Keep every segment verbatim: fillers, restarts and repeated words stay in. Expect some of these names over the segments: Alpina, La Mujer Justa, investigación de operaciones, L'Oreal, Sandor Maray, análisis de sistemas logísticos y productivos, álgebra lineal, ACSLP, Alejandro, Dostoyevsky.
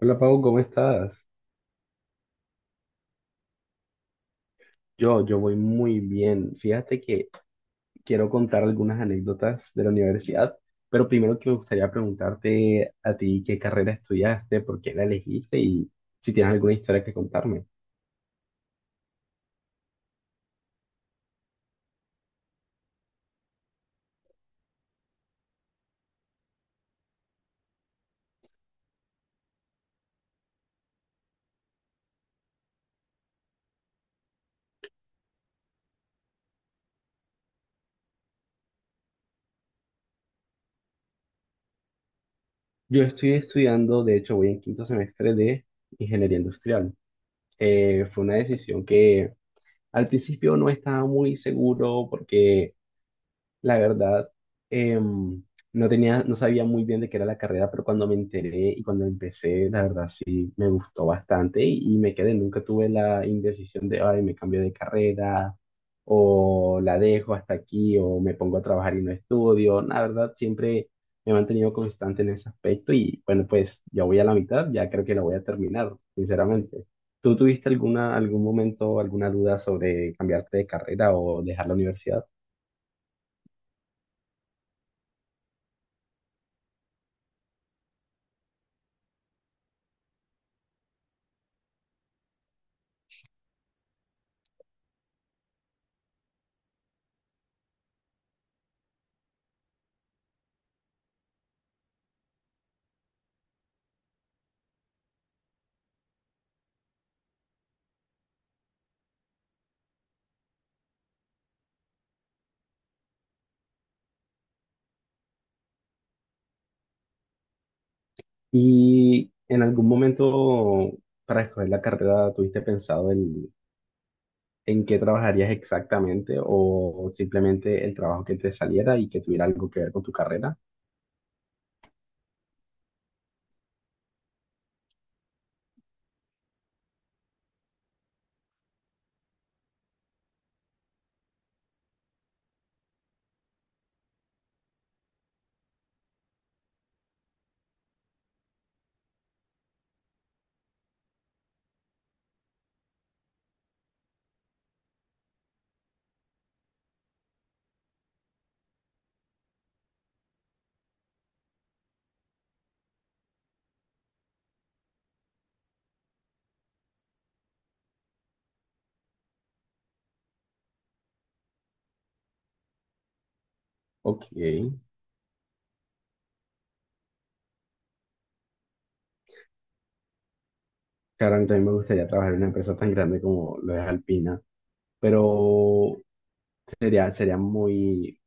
Hola Pau, ¿cómo estás? Yo, yo voy muy bien. Fíjate que quiero contar algunas anécdotas de la universidad, pero primero que me gustaría preguntarte a ti qué carrera estudiaste, por qué la elegiste y si tienes alguna historia que contarme. Yo estoy estudiando, de hecho voy en quinto semestre de ingeniería industrial. Eh, fue una decisión que al principio no estaba muy seguro porque la verdad, em, no tenía, no sabía muy bien de qué era la carrera, pero cuando me enteré y cuando empecé, la verdad sí me gustó bastante y, y me quedé. Nunca tuve la indecisión de, ay, me cambio de carrera o la dejo hasta aquí o me pongo a trabajar y no estudio. La verdad, siempre me he mantenido constante en ese aspecto y bueno, pues ya voy a la mitad, ya creo que la voy a terminar, sinceramente. ¿Tú tuviste alguna, algún momento, alguna duda sobre cambiarte de carrera o dejar la universidad? ¿Y en algún momento para escoger la carrera tuviste pensado en, en qué trabajarías exactamente o simplemente el trabajo que te saliera y que tuviera algo que ver con tu carrera? Ok, claro, a mí también me gustaría trabajar en una empresa tan grande como lo es Alpina, pero sería, sería muy,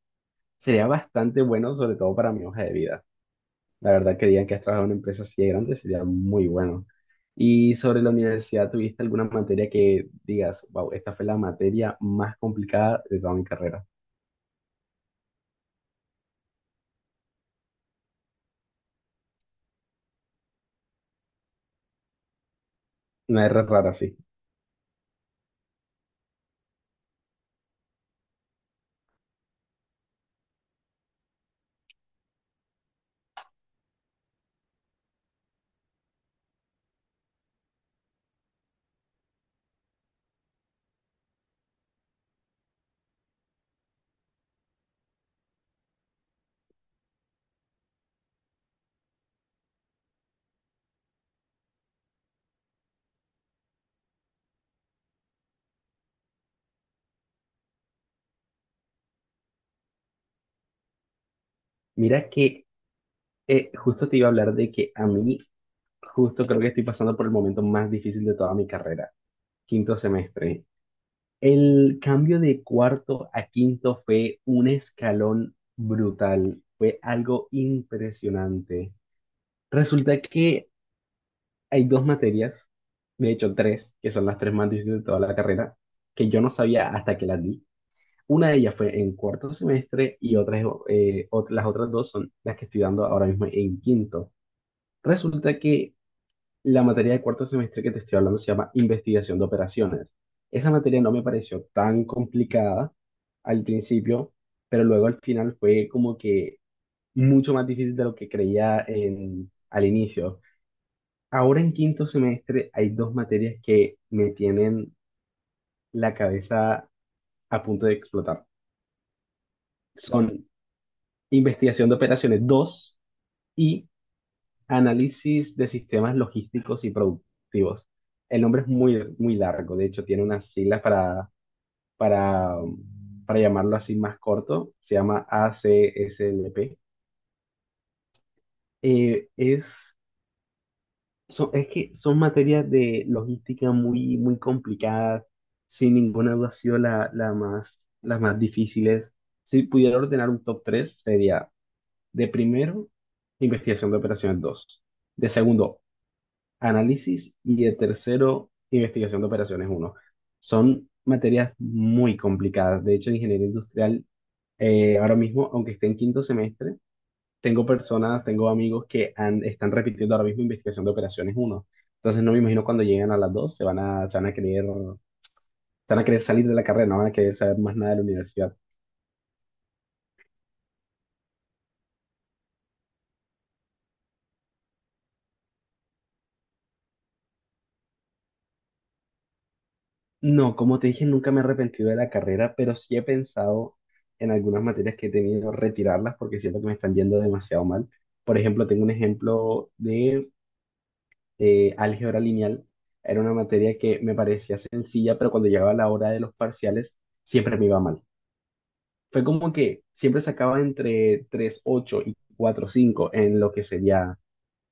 sería bastante bueno sobre todo para mi hoja de vida. La verdad que digan que has trabajado en una empresa así de grande sería muy bueno. Y sobre la universidad, ¿tuviste alguna materia que digas, wow, esta fue la materia más complicada de toda mi carrera? Una R rara, sí. Mira que eh, justo te iba a hablar de que a mí, justo creo que estoy pasando por el momento más difícil de toda mi carrera, quinto semestre. El cambio de cuarto a quinto fue un escalón brutal, fue algo impresionante. Resulta que hay dos materias, de hecho tres, que son las tres más difíciles de toda la carrera, que yo no sabía hasta que las di. Una de ellas fue en cuarto semestre y otras, eh, ot- las otras dos son las que estoy dando ahora mismo en quinto. Resulta que la materia de cuarto semestre que te estoy hablando se llama investigación de operaciones. Esa materia no me pareció tan complicada al principio, pero luego al final fue como que mucho más difícil de lo que creía en, al inicio. Ahora en quinto semestre hay dos materias que me tienen la cabeza a punto de explotar. Son investigación de operaciones dos y análisis de sistemas logísticos y productivos. El nombre es muy, muy largo, de hecho tiene unas siglas para, para, para llamarlo así más corto, se llama A C S L P. Eh, es Son, es que son materias de logística muy, muy complicadas, sin ninguna duda ha sido la, la más, las más difíciles. Si pudiera ordenar un top tres sería de primero, investigación de operaciones dos, de segundo, análisis, y de tercero, investigación de operaciones uno. Son materias muy complicadas. De hecho, en ingeniería industrial, eh, ahora mismo, aunque esté en quinto semestre, tengo personas, tengo amigos que han- están repitiendo ahora mismo investigación de operaciones uno. Entonces no me imagino cuando lleguen a las dos se van a, se van a querer, se van a querer salir de la carrera, no van a querer saber más nada de la universidad. No, como te dije, nunca me he arrepentido de la carrera, pero sí he pensado en algunas materias que he tenido retirarlas porque siento que me están yendo demasiado mal. Por ejemplo, tengo un ejemplo de eh, álgebra lineal. Era una materia que me parecía sencilla, pero cuando llegaba la hora de los parciales siempre me iba mal. Fue como que siempre sacaba entre tres punto ocho y cuatro punto cinco en lo que sería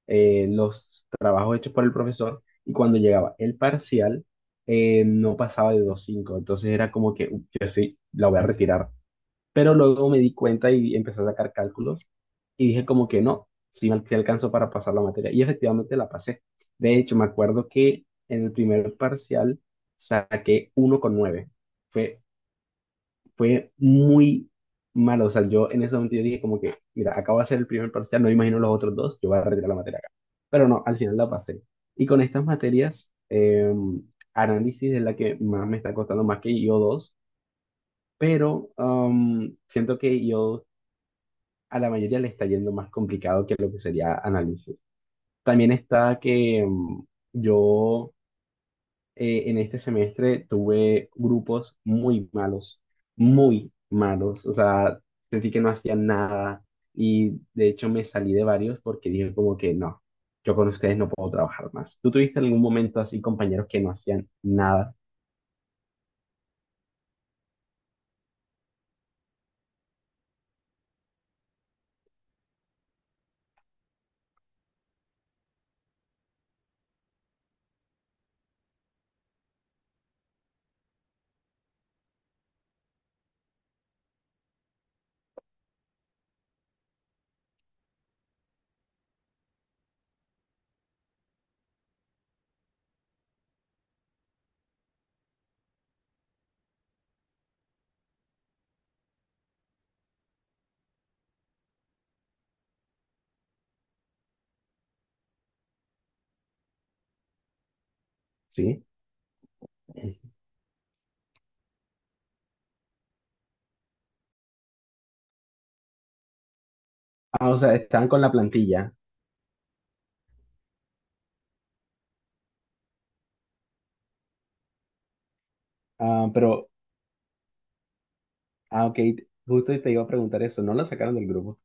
eh, los trabajos hechos por el profesor, y cuando llegaba el parcial eh, no pasaba de dos punto cinco, entonces era como que "Uy, yo sí, la voy a retirar". Pero luego me di cuenta y empecé a sacar cálculos y dije como que no, sí, me sí alcanzó para pasar la materia y efectivamente la pasé. De hecho, me acuerdo que en el primer parcial saqué uno punto nueve. Fue fue muy malo. O sea, yo en ese momento yo dije como que, mira, acabo de hacer el primer parcial, no me imagino los otros dos, yo voy a retirar la materia acá. Pero no, al final la pasé. Y con estas materias, eh, análisis es la que más me está costando, más que I O dos, pero um, siento que I IO a la mayoría le está yendo más complicado que lo que sería análisis. También está que um, yo eh, en este semestre tuve grupos muy malos, muy malos, o sea, sentí que no hacían nada y de hecho me salí de varios porque dije como que no, yo con ustedes no puedo trabajar más. ¿Tú tuviste algún momento así compañeros que no hacían nada? ¿Sí? Ah, o sea, estaban con la plantilla, ah, pero, ah, ok, justo te iba a preguntar eso, ¿no lo sacaron del grupo?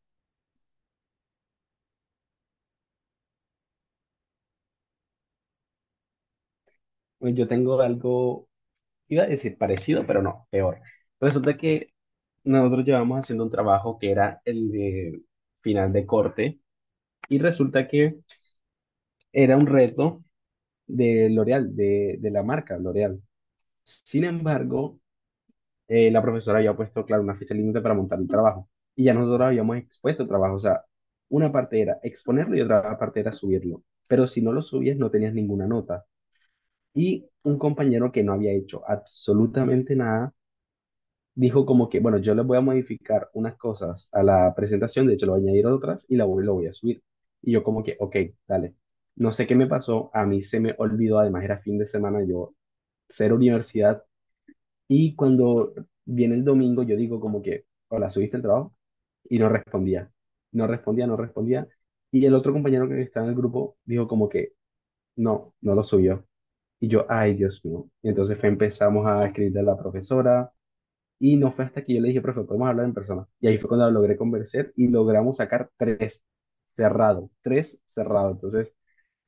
Pues yo tengo algo, iba a decir parecido, pero no, peor. Resulta que nosotros llevamos haciendo un trabajo que era el de final de corte y resulta que era un reto de L'Oreal, de, de la marca L'Oreal. Sin embargo, eh, la profesora había puesto, claro, una fecha límite para montar el trabajo y ya nosotros habíamos expuesto el trabajo. O sea, una parte era exponerlo y otra parte era subirlo. Pero si no lo subías, no tenías ninguna nota. Y un compañero que no había hecho absolutamente nada dijo como que, bueno, yo les voy a modificar unas cosas a la presentación, de hecho, lo voy a añadir otras y la voy, lo voy a subir. Y yo como que, ok, dale. No sé qué me pasó, a mí se me olvidó, además era fin de semana, yo cero universidad. Y cuando viene el domingo, yo digo como que, hola, ¿subiste el trabajo? Y no respondía, no respondía, no respondía. Y el otro compañero que está en el grupo dijo como que, no, no lo subió. Y yo, ay, Dios mío. Y entonces fue- empezamos a escribirle a la profesora, y no fue hasta que yo le dije, profe, podemos hablar en persona. Y ahí fue cuando logré convencer y logramos sacar tres cerrado, tres cerrado. Entonces,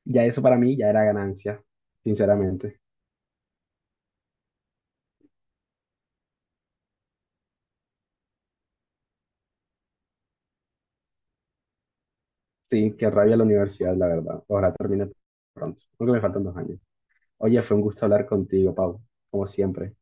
ya eso para mí ya era ganancia, sinceramente. Sí, qué rabia la universidad, la verdad. Ahora termina pronto, aunque me faltan dos años. Oye, fue un gusto hablar contigo, Pau, como siempre.